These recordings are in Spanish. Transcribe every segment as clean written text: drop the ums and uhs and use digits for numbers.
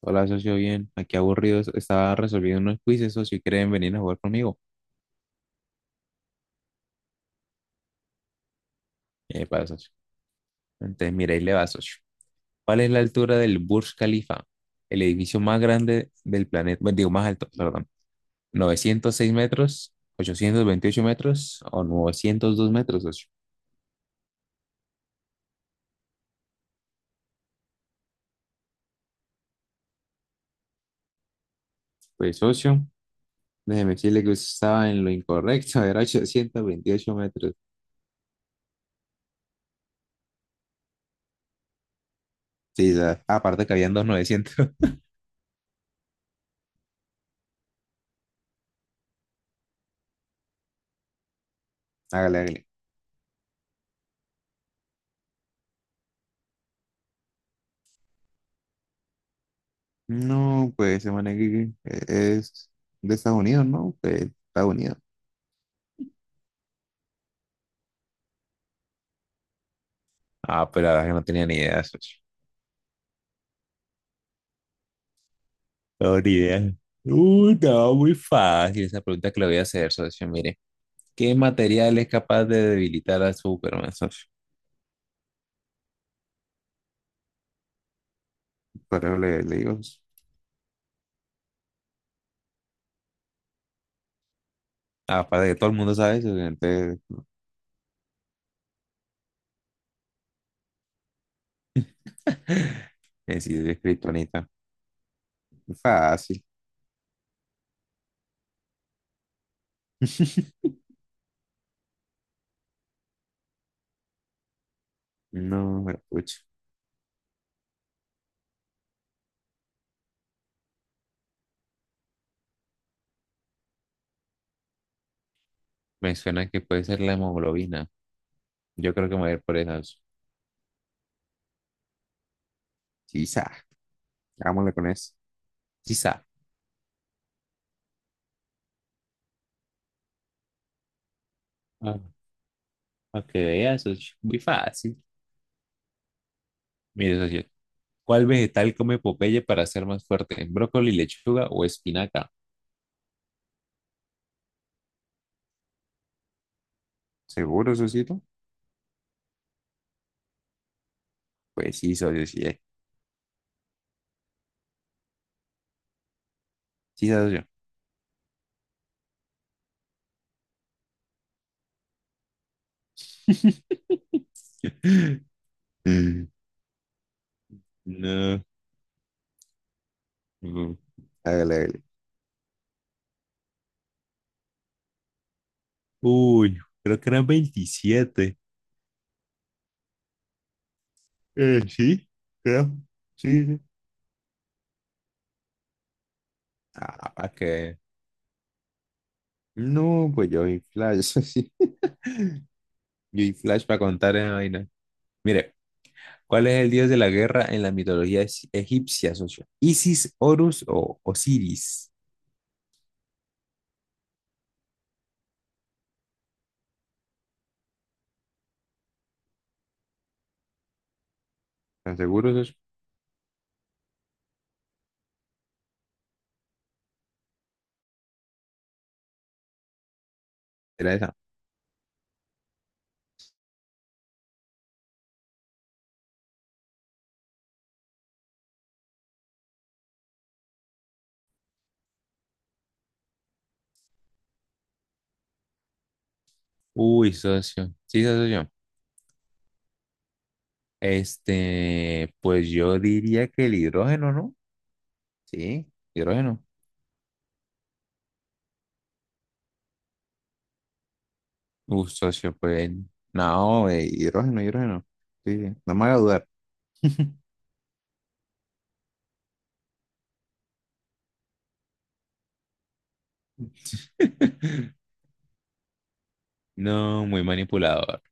Hola, socio, bien. Aquí aburrido. Estaba resolviendo unos quizzes, socio, y quieren venir a jugar conmigo. Epa, socio. Entonces, mira, ahí le va, socio. ¿Cuál es la altura del Burj Khalifa? El edificio más grande del planeta. Bueno, digo, más alto, perdón. ¿906 metros? ¿828 metros? ¿O 902 metros, socio? Pues, socio, déjeme decirle que usted estaba en lo incorrecto. Era 828 metros. Sí, ya. Aparte que habían dos 900. Hágale, hágale. No, pues se maneja que es de Estados Unidos, ¿no? Pues Estados Unidos. Ah, pero la verdad es que no tenía ni idea, socio. No, ni idea. Uy, no, muy fácil esa pregunta que le voy a hacer, socio. Mire, ¿qué material es capaz de debilitar a Superman, socio? Pero le digo. Aparte de que todo el mundo sabe eso, entonces es de kriptonita. Fácil. No, pero pucha. Me suena que puede ser la hemoglobina. Yo creo que me voy a ir por esa, socio. Quizá. Hagámosle con eso. Sí sabe. Ah, para que veas, socio. Muy fácil. Mire, socio, ¿cuál vegetal come Popeye para ser más fuerte? ¿Brócoli, lechuga o espinaca? ¿Seguro, socito? Pues sí, socio, sí, eh. Sí, socio. No. mm, Hágale, hágale. Uy, creo que eran 27. Sí, creo. Sí, sí. Ah, ¿para qué? No, pues yo vi flash, sí. Yo vi flash para contar esa vaina. Mire, ¿cuál es el dios de la guerra en la mitología egipcia, socio? ¿Isis, Horus o Osiris? ¿Estás seguro, socio? ¿Era esa? Uy, socio. Sí, socio. Este, pues yo diría que el hidrógeno, ¿no? Sí, hidrógeno. Uf, socio, pues no, hidrógeno, hidrógeno. Sí, sí, no me haga dudar. No, muy manipulador.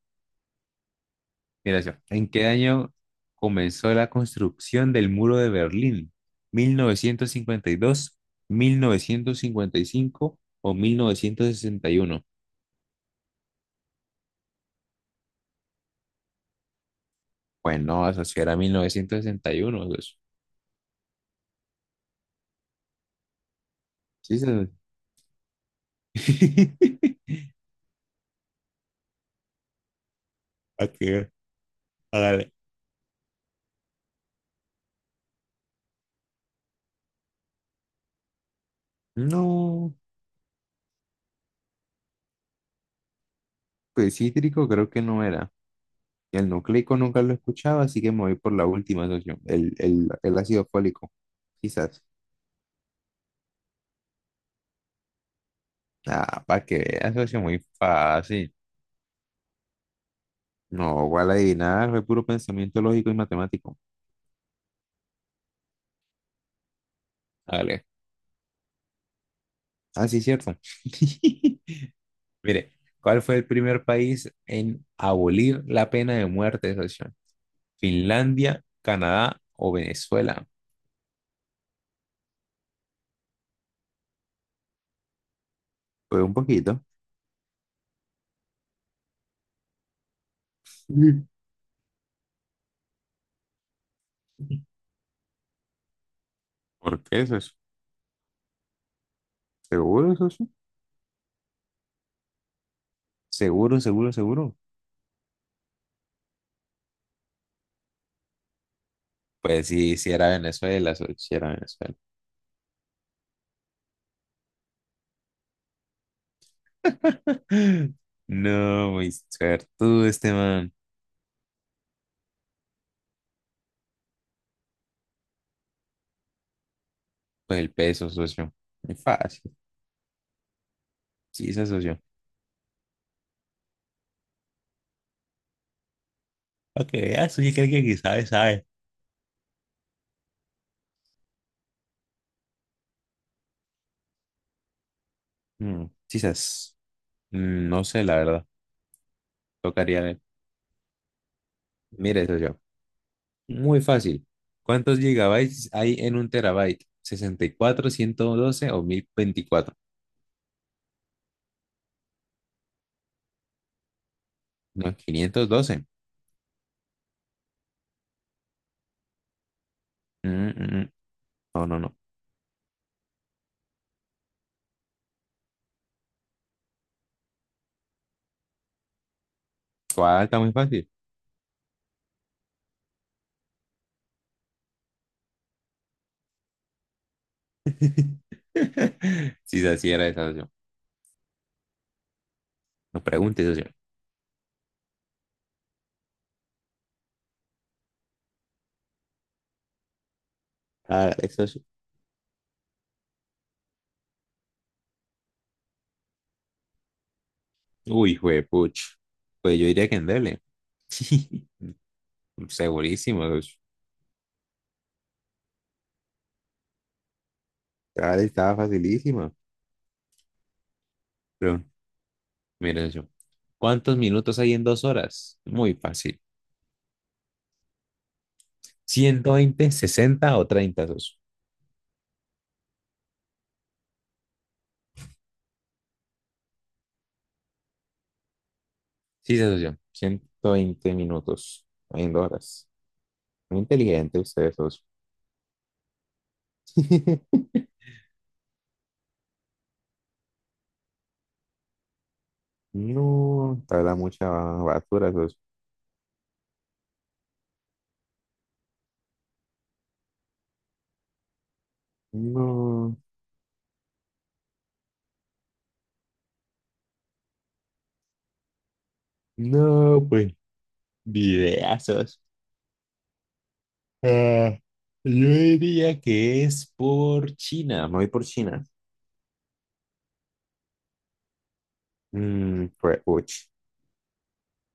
Mira yo, ¿en qué año comenzó la construcción del muro de Berlín? ¿1952, 1955 o 1961? Pues no, eso sí era 1961, pues. Sí, ¿A qué? Hágale. No, pues cítrico creo que no era. Y el nucleico nunca lo escuchaba, así que me voy por la última, socio. El ácido fólico, quizás. Ah, para que veas, socio, muy fácil. No, ¿cuál adivinar? Fue puro pensamiento lógico y matemático. Vale. Ah, sí, cierto. Mire, ¿cuál fue el primer país en abolir la pena de muerte, socio? ¿Finlandia, Canadá o Venezuela? Pues un poquito. Mm. ¿Por qué, socio? ¿Seguro, socio? ¿Seguro, seguro, seguro? Pues sí, sí era Venezuela, socio, sí era Venezuela. No, muy suertudo este man. Pues el peso, socio. Muy fácil. Sí, se asoció. Para que veas, oye, que alguien que sabe, sabe. Quizás. No sé, la verdad. Tocaría ver. Mire eso yo. Muy fácil. ¿Cuántos gigabytes hay en un terabyte? ¿64, 112 o 1024? No, 512. Mm, mm, mm. No, no, no. ¿Cuál está muy fácil? Si así era esa opción. No preguntes, opción. Ah, eso sí. Uy, juepuch. Pues yo diría que en Dele. Segurísimo, socio. Claro, estaba facilísima. Pero Mira yo. ¿Cuántos minutos hay en 2 horas? Muy fácil. ¿120, 60 o 30, socio? Sí, socio. 120 minutos hay en 2 horas. Muy inteligente ustedes, socio. No, te habla mucha basura, socio. No, no, pues, videazos. Ah, yo diría que es por China. Me voy por China. Mm, pues, uch.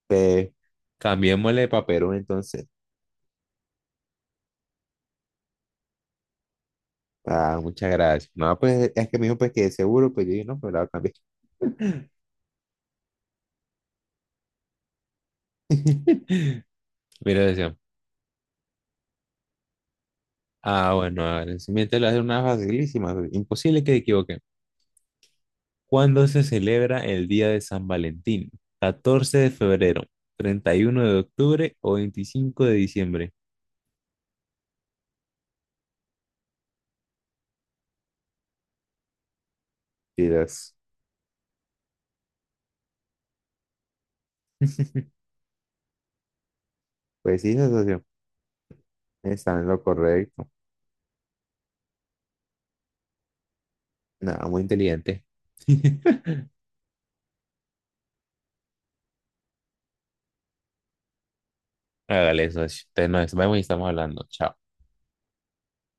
Eh, Cambiémosle para Perú, entonces. Ah, muchas gracias. No, pues es que me dijo pues que de seguro, pues yo dije, no, pero la voy a cambiar. Mira, decía, ah, bueno, a ver, siguiente le voy a hacer una facilísima, imposible que te equivoquen. ¿Cuándo se celebra el Día de San Valentín? ¿14 de febrero, 31 de octubre o 25 de diciembre? Y las- pues sí, socio, está en lo correcto. Nada, muy inteligente. Hágale, socio. Entonces, nos vemos y estamos hablando. Chao.